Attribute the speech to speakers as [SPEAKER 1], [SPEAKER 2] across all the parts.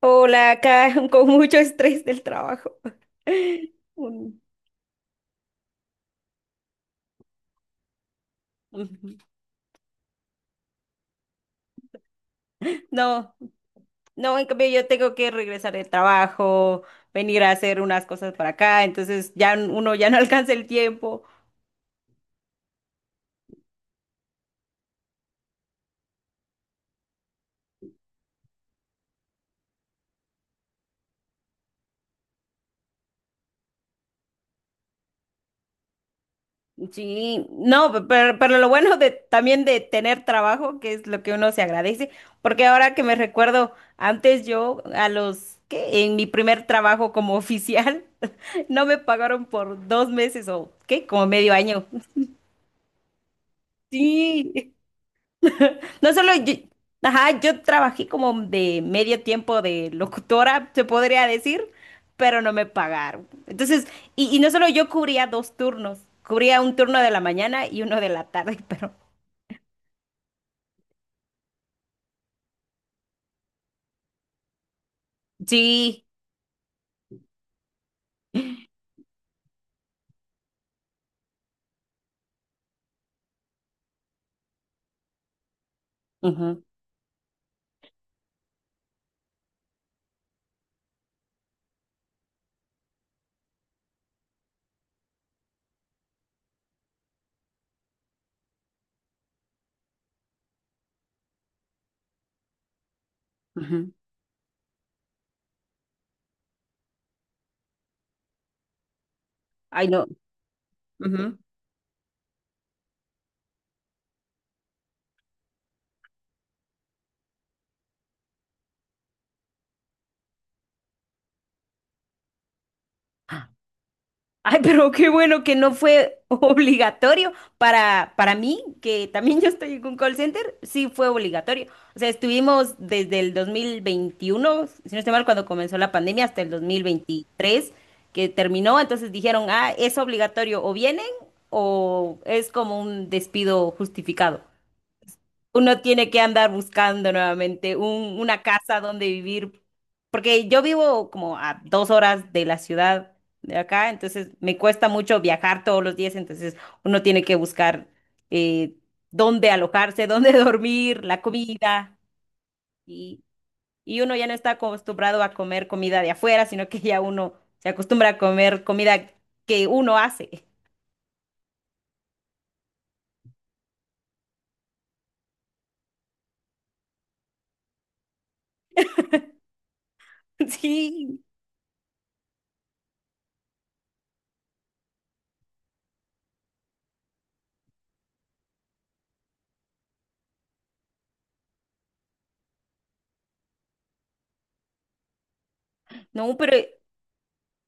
[SPEAKER 1] Hola, acá con mucho estrés del trabajo. Un- Ujú. No, no, en cambio yo tengo que regresar del trabajo, venir a hacer unas cosas para acá, entonces ya uno ya no alcanza el tiempo. Sí, no, pero lo bueno de también de tener trabajo, que es lo que uno se agradece, porque ahora que me recuerdo, antes yo a los que en mi primer trabajo como oficial no me pagaron por 2 meses o qué, como medio año. Sí. No solo yo, ajá, yo trabajé como de medio tiempo de locutora, se podría decir, pero no me pagaron. Entonces, y no solo yo cubría dos turnos, cubría un turno de la mañana y uno de la tarde, pero sí. Ujú, ujú. Ay, no. Ujú. Ay, pero qué bueno que no fue obligatorio para mí, que también yo estoy en un call center, sí fue obligatorio. O sea, estuvimos desde el 2021, si no estoy mal, cuando comenzó la pandemia, hasta el 2023 que terminó. Entonces dijeron, ah, es obligatorio, o vienen o es como un despido justificado. Uno tiene que andar buscando nuevamente una casa donde vivir, porque yo vivo como a 2 horas de la ciudad de acá, entonces me cuesta mucho viajar todos los días, entonces uno tiene que buscar eh, dónde alojarse, dónde dormir, la comida, y, y uno ya no está acostumbrado a comer comida de afuera, sino que ya uno se acostumbra a comer comida que uno hace. Sí, no, pero.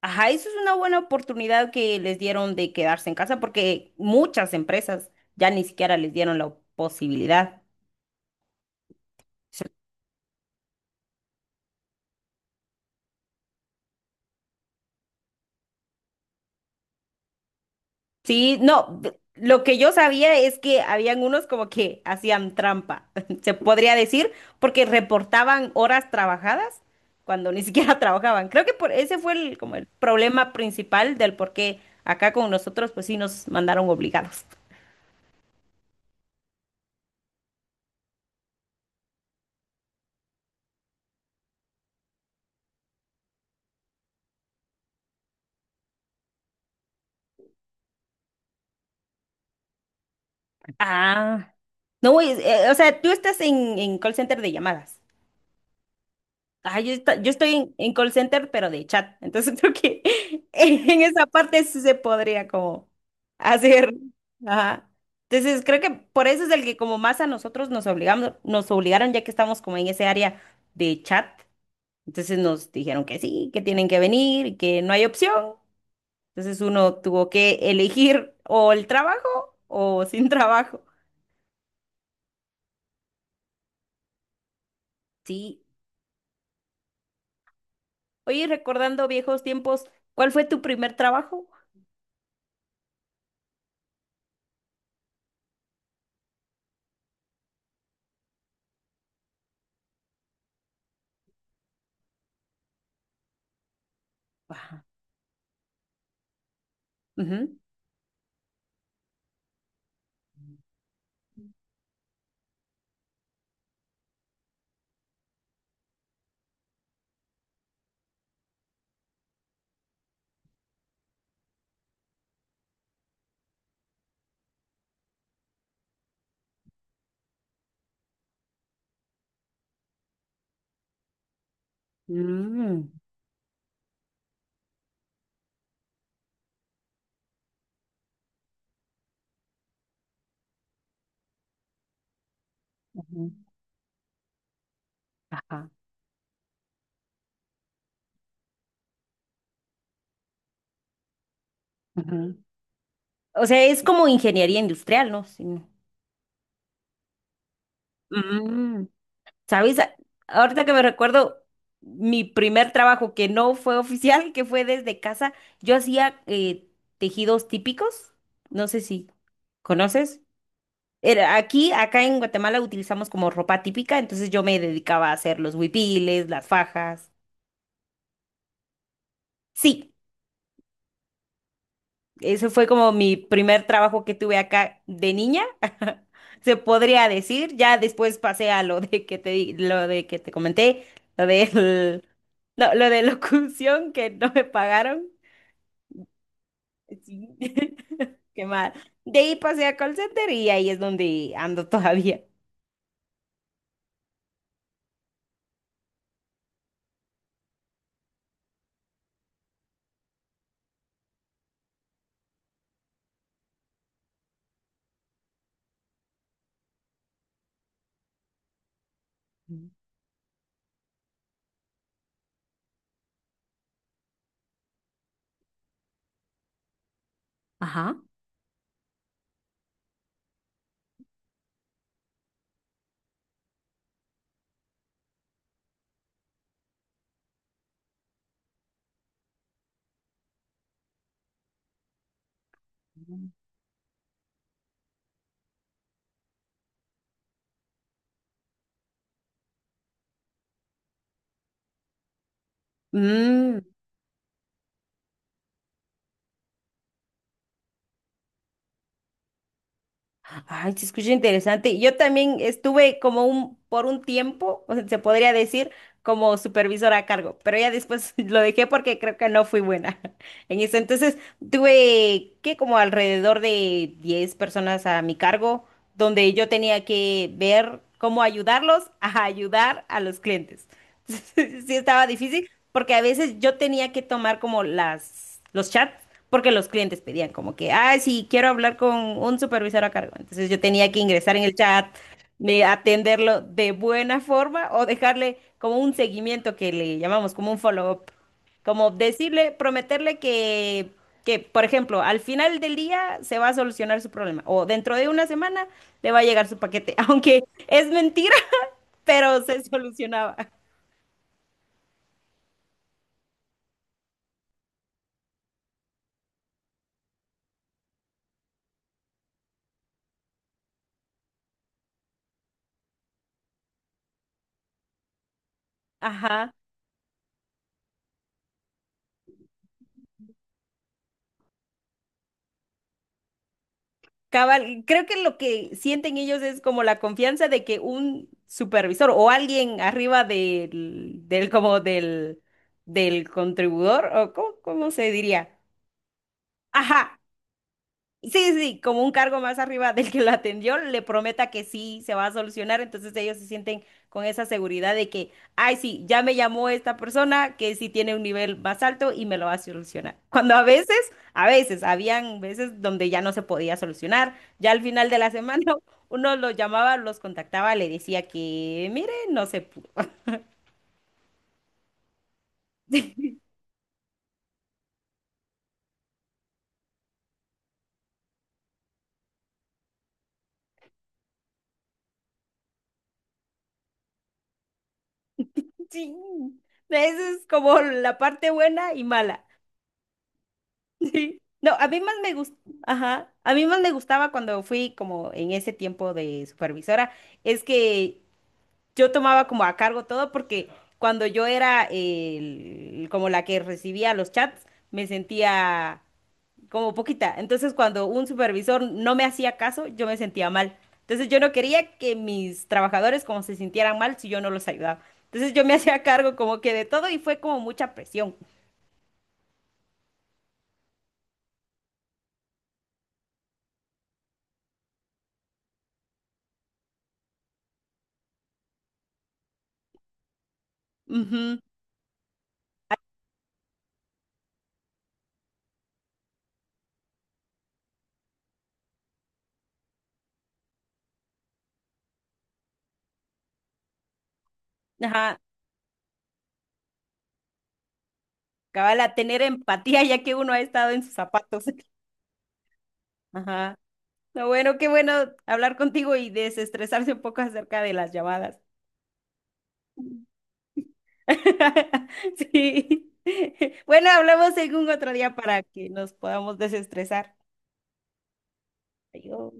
[SPEAKER 1] Ajá, eso es una buena oportunidad que les dieron de quedarse en casa porque muchas empresas ya ni siquiera les dieron la posibilidad. Sí. Sí, no, lo que yo sabía es que habían unos como que hacían trampa, se podría decir, porque reportaban horas trabajadas cuando ni siquiera trabajaban. Creo que por ese fue el, como el problema principal del por qué acá con nosotros pues sí nos mandaron obligados. Ah, no, o sea, tú estás en call center de llamadas. Ay, yo estoy en call center, pero de chat. Entonces creo que en esa parte sí se podría como hacer. Ajá. Entonces creo que por eso es el que como más a nosotros nos obligaron ya que estamos como en ese área de chat. Entonces nos dijeron que sí, que tienen que venir y que no hay opción. Entonces uno tuvo que elegir o el trabajo o sin trabajo. Sí. Oye, recordando viejos tiempos, ¿cuál fue tu primer trabajo? Ajá. Ujú. Mm. Ujú. Ajá. Ujú. O sea, es como ingeniería industrial, ¿no? Sí, no. Mm, ¿Sabes? Ahorita que me recuerdo mi primer trabajo que no fue oficial, que fue desde casa, yo hacía tejidos típicos. No sé si conoces. Era aquí, acá en Guatemala utilizamos como ropa típica, entonces yo me dedicaba a hacer los huipiles, las fajas. Sí. Ese fue como mi primer trabajo que tuve acá de niña, se podría decir. Ya después pasé a lo de que lo de que te comenté, lo de no, lo de locución que no me pagaron. Sí. Qué mal. De ahí pasé a call center y ahí es donde ando todavía. Ajá. Mm, Ay, se escucha interesante. Yo también estuve como por un tiempo, o sea, se podría decir, como supervisora a cargo, pero ya después lo dejé porque creo que no fui buena en eso. Entonces, tuve que como alrededor de 10 personas a mi cargo, donde yo tenía que ver cómo ayudarlos a ayudar a los clientes. Sí estaba difícil porque a veces yo tenía que tomar como los chats porque los clientes pedían como que, ay, sí, quiero hablar con un supervisor a cargo. Entonces yo tenía que ingresar en el chat, atenderlo de buena forma o dejarle como un seguimiento que le llamamos como un follow-up. Como decirle, prometerle que, por ejemplo, al final del día se va a solucionar su problema o dentro de una semana le va a llegar su paquete, aunque es mentira, pero se solucionaba. Ajá. Cabal, creo que lo que sienten ellos es como la confianza de que un supervisor o alguien arriba del contribuidor, o cómo se diría. Ajá, sí, sí, como un cargo más arriba del que lo atendió, le prometa que sí se va a solucionar, entonces ellos se sienten con esa seguridad de que, ay, sí, ya me llamó esta persona que sí tiene un nivel más alto y me lo va a solucionar. Cuando a veces, habían veces donde ya no se podía solucionar, ya al final de la semana uno los llamaba, los contactaba, le decía que, mire, no se pudo. Sí, esa es como la parte buena y mala. Sí. No, a mí más me a mí más me gustaba cuando fui como en ese tiempo de supervisora, es que yo tomaba como a cargo todo porque cuando yo como la que recibía los chats, me sentía como poquita. Entonces, cuando un supervisor no me hacía caso, yo me sentía mal. Entonces, yo no quería que mis trabajadores como se sintieran mal si yo no los ayudaba. Entonces, yo me hacía cargo como que de todo y fue como mucha presión. Ujú. Ajá. Cabal, a tener empatía ya que uno ha estado en sus zapatos. Ajá. No, bueno, qué bueno hablar contigo y desestresarse un poco acerca de las llamadas. Sí. Bueno, hablamos en un otro día para que nos podamos desestresar. Adiós.